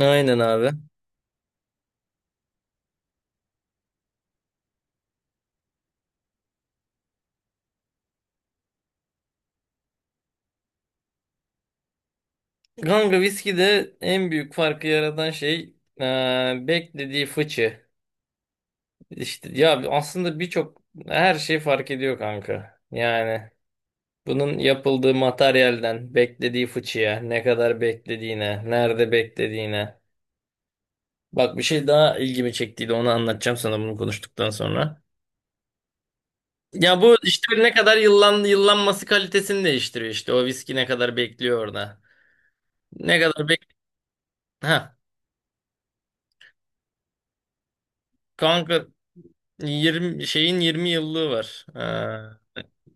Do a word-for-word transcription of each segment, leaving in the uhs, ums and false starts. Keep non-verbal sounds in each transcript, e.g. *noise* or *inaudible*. Aynen abi. Kanka viskide en büyük farkı yaratan şey eee, beklediği fıçı. İşte ya aslında birçok her şey fark ediyor kanka. Yani bunun yapıldığı materyalden beklediği fıçıya, ne kadar beklediğine, nerede beklediğine. Bak bir şey daha ilgimi çektiydi onu anlatacağım sana bunu konuştuktan sonra. Ya bu işte ne kadar yıllan, yıllanması kalitesini değiştiriyor işte o viski ne kadar bekliyor orada. Ne kadar bek... Ha. Kanka yirmi şeyin yirmi yıllığı var.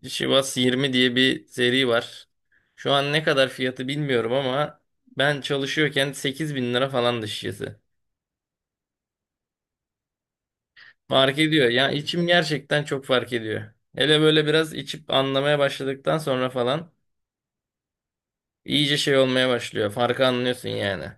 Ee, Şivas yirmi diye bir seri var. Şu an ne kadar fiyatı bilmiyorum ama ben çalışıyorken sekiz bin lira falan şişesi. Fark ediyor. Ya içim gerçekten çok fark ediyor. Hele böyle biraz içip anlamaya başladıktan sonra falan iyice şey olmaya başlıyor. Farkı anlıyorsun yani.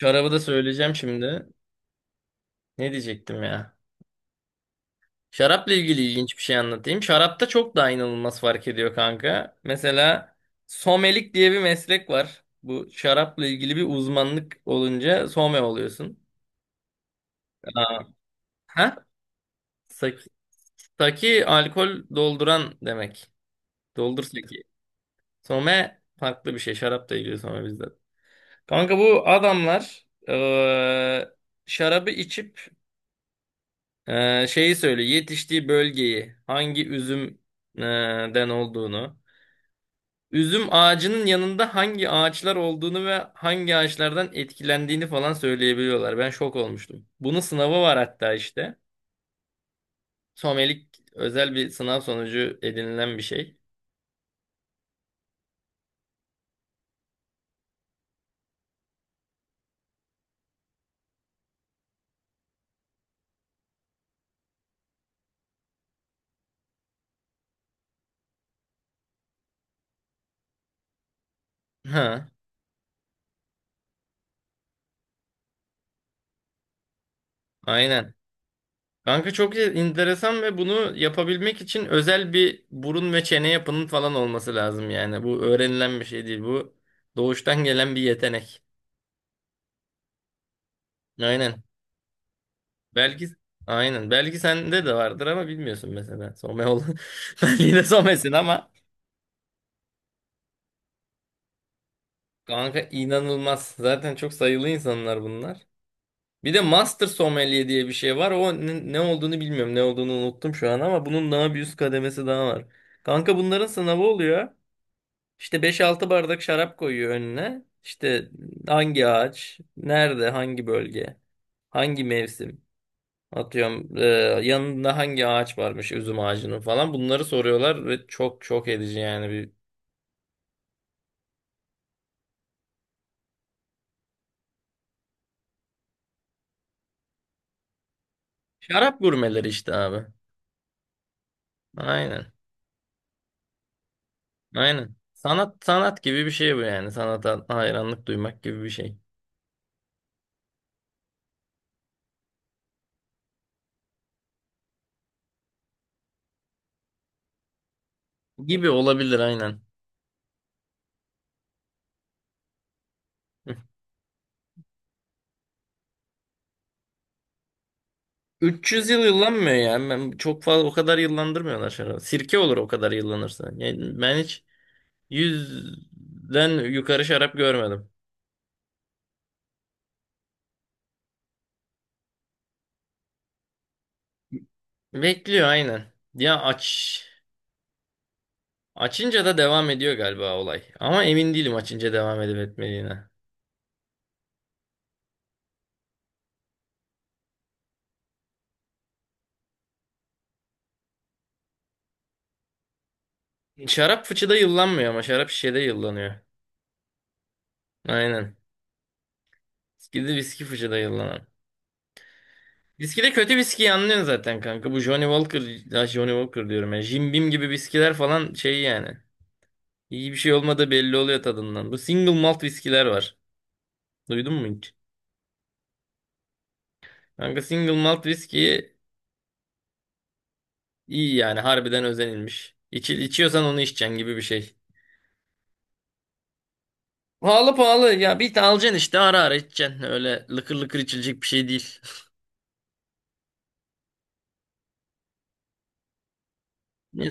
Şarabı da söyleyeceğim şimdi. Ne diyecektim ya? Şarapla ilgili ilginç bir şey anlatayım. Şarapta çok daha inanılmaz fark ediyor kanka. Mesela somelik diye bir meslek var. Bu şarapla ilgili bir uzmanlık olunca some oluyorsun. Aa, ha? Saki, saki alkol dolduran demek. Doldur saki. Some farklı bir şey. Şarapla ilgili some bizde. Kanka bu adamlar eee, şarabı içip eee, şeyi söylüyor. Yetiştiği bölgeyi hangi üzümden olduğunu. Üzüm ağacının yanında hangi ağaçlar olduğunu ve hangi ağaçlardan etkilendiğini falan söyleyebiliyorlar. Ben şok olmuştum. Bunun sınavı var hatta işte. Somelik özel bir sınav sonucu edinilen bir şey. Ha, aynen. Kanka çok enteresan ve bunu yapabilmek için özel bir burun ve çene yapının falan olması lazım yani. Bu öğrenilen bir şey değil. Bu doğuştan gelen bir yetenek. Aynen. Belki aynen. Belki sende de vardır ama bilmiyorsun mesela. Some ol. *laughs* Ben yine somesin ama. Kanka inanılmaz. Zaten çok sayılı insanlar bunlar. Bir de Master Sommelier diye bir şey var. O ne, ne olduğunu bilmiyorum. Ne olduğunu unuttum şu an ama bunun daha bir üst kademesi daha var. Kanka bunların sınavı oluyor. İşte beş altı bardak şarap koyuyor önüne. İşte hangi ağaç, nerede, hangi bölge, hangi mevsim. Atıyorum e, yanında hangi ağaç varmış üzüm ağacının falan. Bunları soruyorlar ve çok çok edici yani bir. Şarap gurmeleri işte abi. Aynen. Aynen. Sanat sanat gibi bir şey bu yani. Sanata hayranlık duymak gibi bir şey. Gibi olabilir aynen. Hı. üç yüz yıl yıllanmıyor yani. Ben çok fazla o kadar yıllandırmıyorlar şarabı. Sirke olur o kadar yıllanırsa. Yani ben hiç yüzden yukarı şarap görmedim. Bekliyor aynen. Ya aç açınca da devam ediyor galiba olay. Ama emin değilim açınca devam edip etmediğine. Şarap fıçıda yıllanmıyor ama şarap şişede yıllanıyor. Aynen. Viski de viski fıçıda yıllanan. Viskide kötü viskiyi anlıyorsun zaten kanka. Bu Johnny Walker, ya Johnny Walker diyorum ya. Jim Beam gibi viskiler falan şey yani. İyi bir şey olmadığı belli oluyor tadından. Bu single malt viskiler var. Duydun mu hiç? Kanka single malt viski iyi yani harbiden özenilmiş. İçi, içiyorsan onu içeceksin gibi bir şey. Pahalı pahalı ya bir tane alacaksın işte ara ara içeceksin. Öyle lıkır lıkır içilecek bir şey değil. *laughs*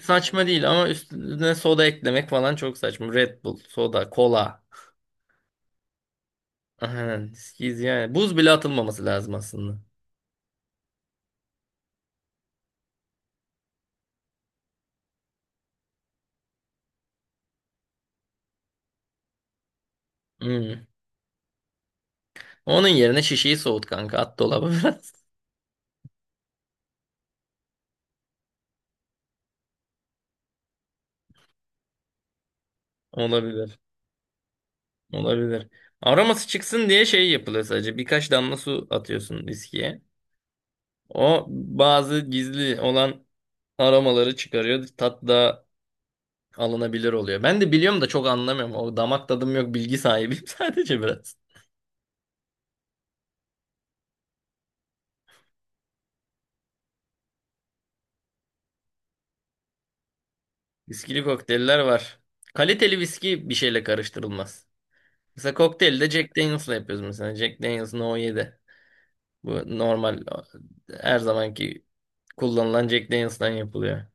Saçma değil ama üstüne soda eklemek falan çok saçma. Red Bull, soda, kola. Aynen. Viski yani. Buz bile atılmaması lazım aslında. Hmm. Onun yerine şişeyi soğut kanka. At dolaba *laughs* biraz. Olabilir. Olabilir. Aroması çıksın diye şey yapılıyor sadece. Birkaç damla su atıyorsun viskiye. O bazı gizli olan aromaları çıkarıyor. Tat da alınabilir oluyor. Ben de biliyorum da çok anlamıyorum. O damak tadım yok. Bilgi sahibiyim *laughs* sadece biraz. Viskili kokteyller var. Kaliteli viski bir şeyle karıştırılmaz. Mesela kokteylde Jack Daniels'la yapıyoruz mesela. Jack Daniels No yedi. Bu normal her zamanki kullanılan Jack Daniels'tan yapılıyor.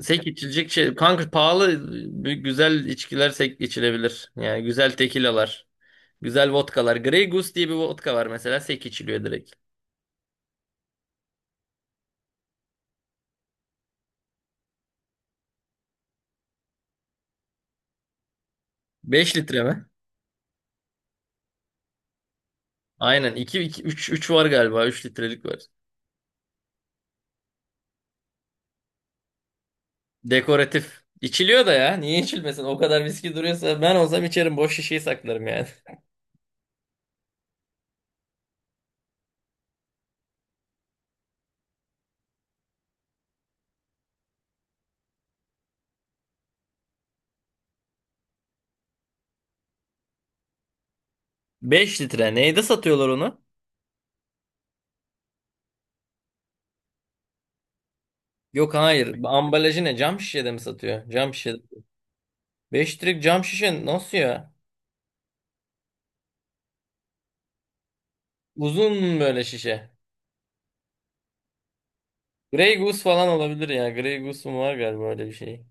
Sek içilecek şey. Kanka pahalı e, güzel içkiler sek içilebilir. Yani güzel tekilalar. Güzel vodkalar. Grey Goose diye bir vodka var mesela. Sek içiliyor direkt. Beş litre mi? Aynen. iki iki üç üç var galiba. Üç litrelik var. Dekoratif. İçiliyor da ya. Niye içilmesin? O kadar viski duruyorsa ben olsam içerim. Boş şişeyi saklarım yani. *laughs* Beş litre. Neyde satıyorlar onu? Yok hayır. Ambalajı ne? Cam şişede mi satıyor? Cam şişede. Beş litrelik cam şişe nasıl ya? Uzun böyle şişe. Grey Goose falan olabilir ya. Grey Goose mu var galiba öyle bir şey.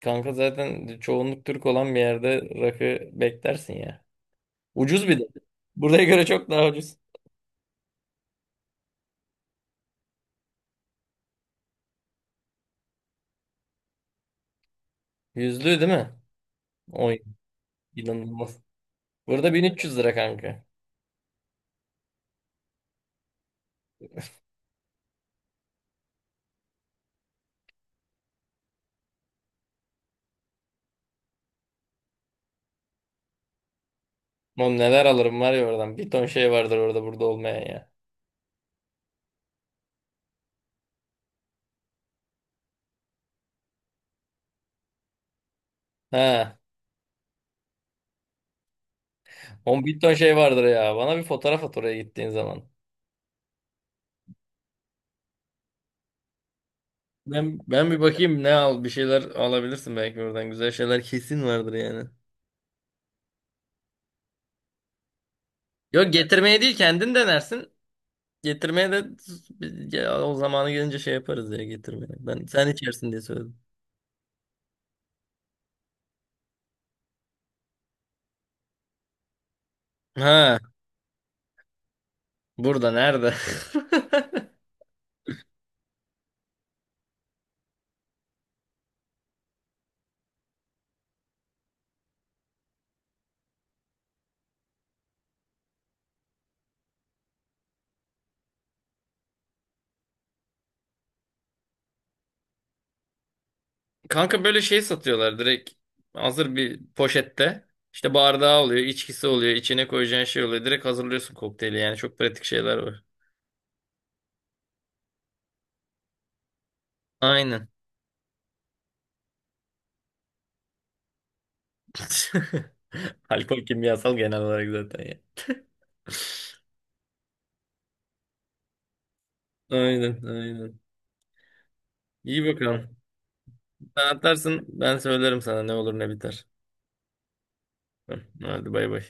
Kanka zaten çoğunluk Türk olan bir yerde rakı beklersin ya. Ucuz bir de. Buraya göre çok daha ucuz. Yüzlü değil mi? O inanılmaz. Burada bin üç yüz lira kanka. Oğlum neler alırım var ya oradan. Bir ton şey vardır orada burada olmayan ya. Ha. On bir ton şey vardır ya. Bana bir fotoğraf at oraya gittiğin zaman. Ben, ben bir bakayım ne al bir şeyler alabilirsin belki oradan. Güzel şeyler kesin vardır yani. Yok getirmeye değil kendin denersin. Getirmeye de ya, o zamanı gelince şey yaparız ya getirmeye. Ben sen içersin diye söyledim. Ha burada nerede? *laughs* Kanka böyle şey satıyorlar direkt hazır bir poşette. İşte bardağı oluyor, içkisi oluyor, içine koyacağın şey oluyor. Direkt hazırlıyorsun kokteyli yani çok pratik şeyler var. Aynen. *laughs* Alkol kimyasal genel olarak zaten ya. Aynen, aynen. İyi bakalım. Sen atarsın, ben söylerim sana ne olur ne biter. Tamam, hadi bay bay.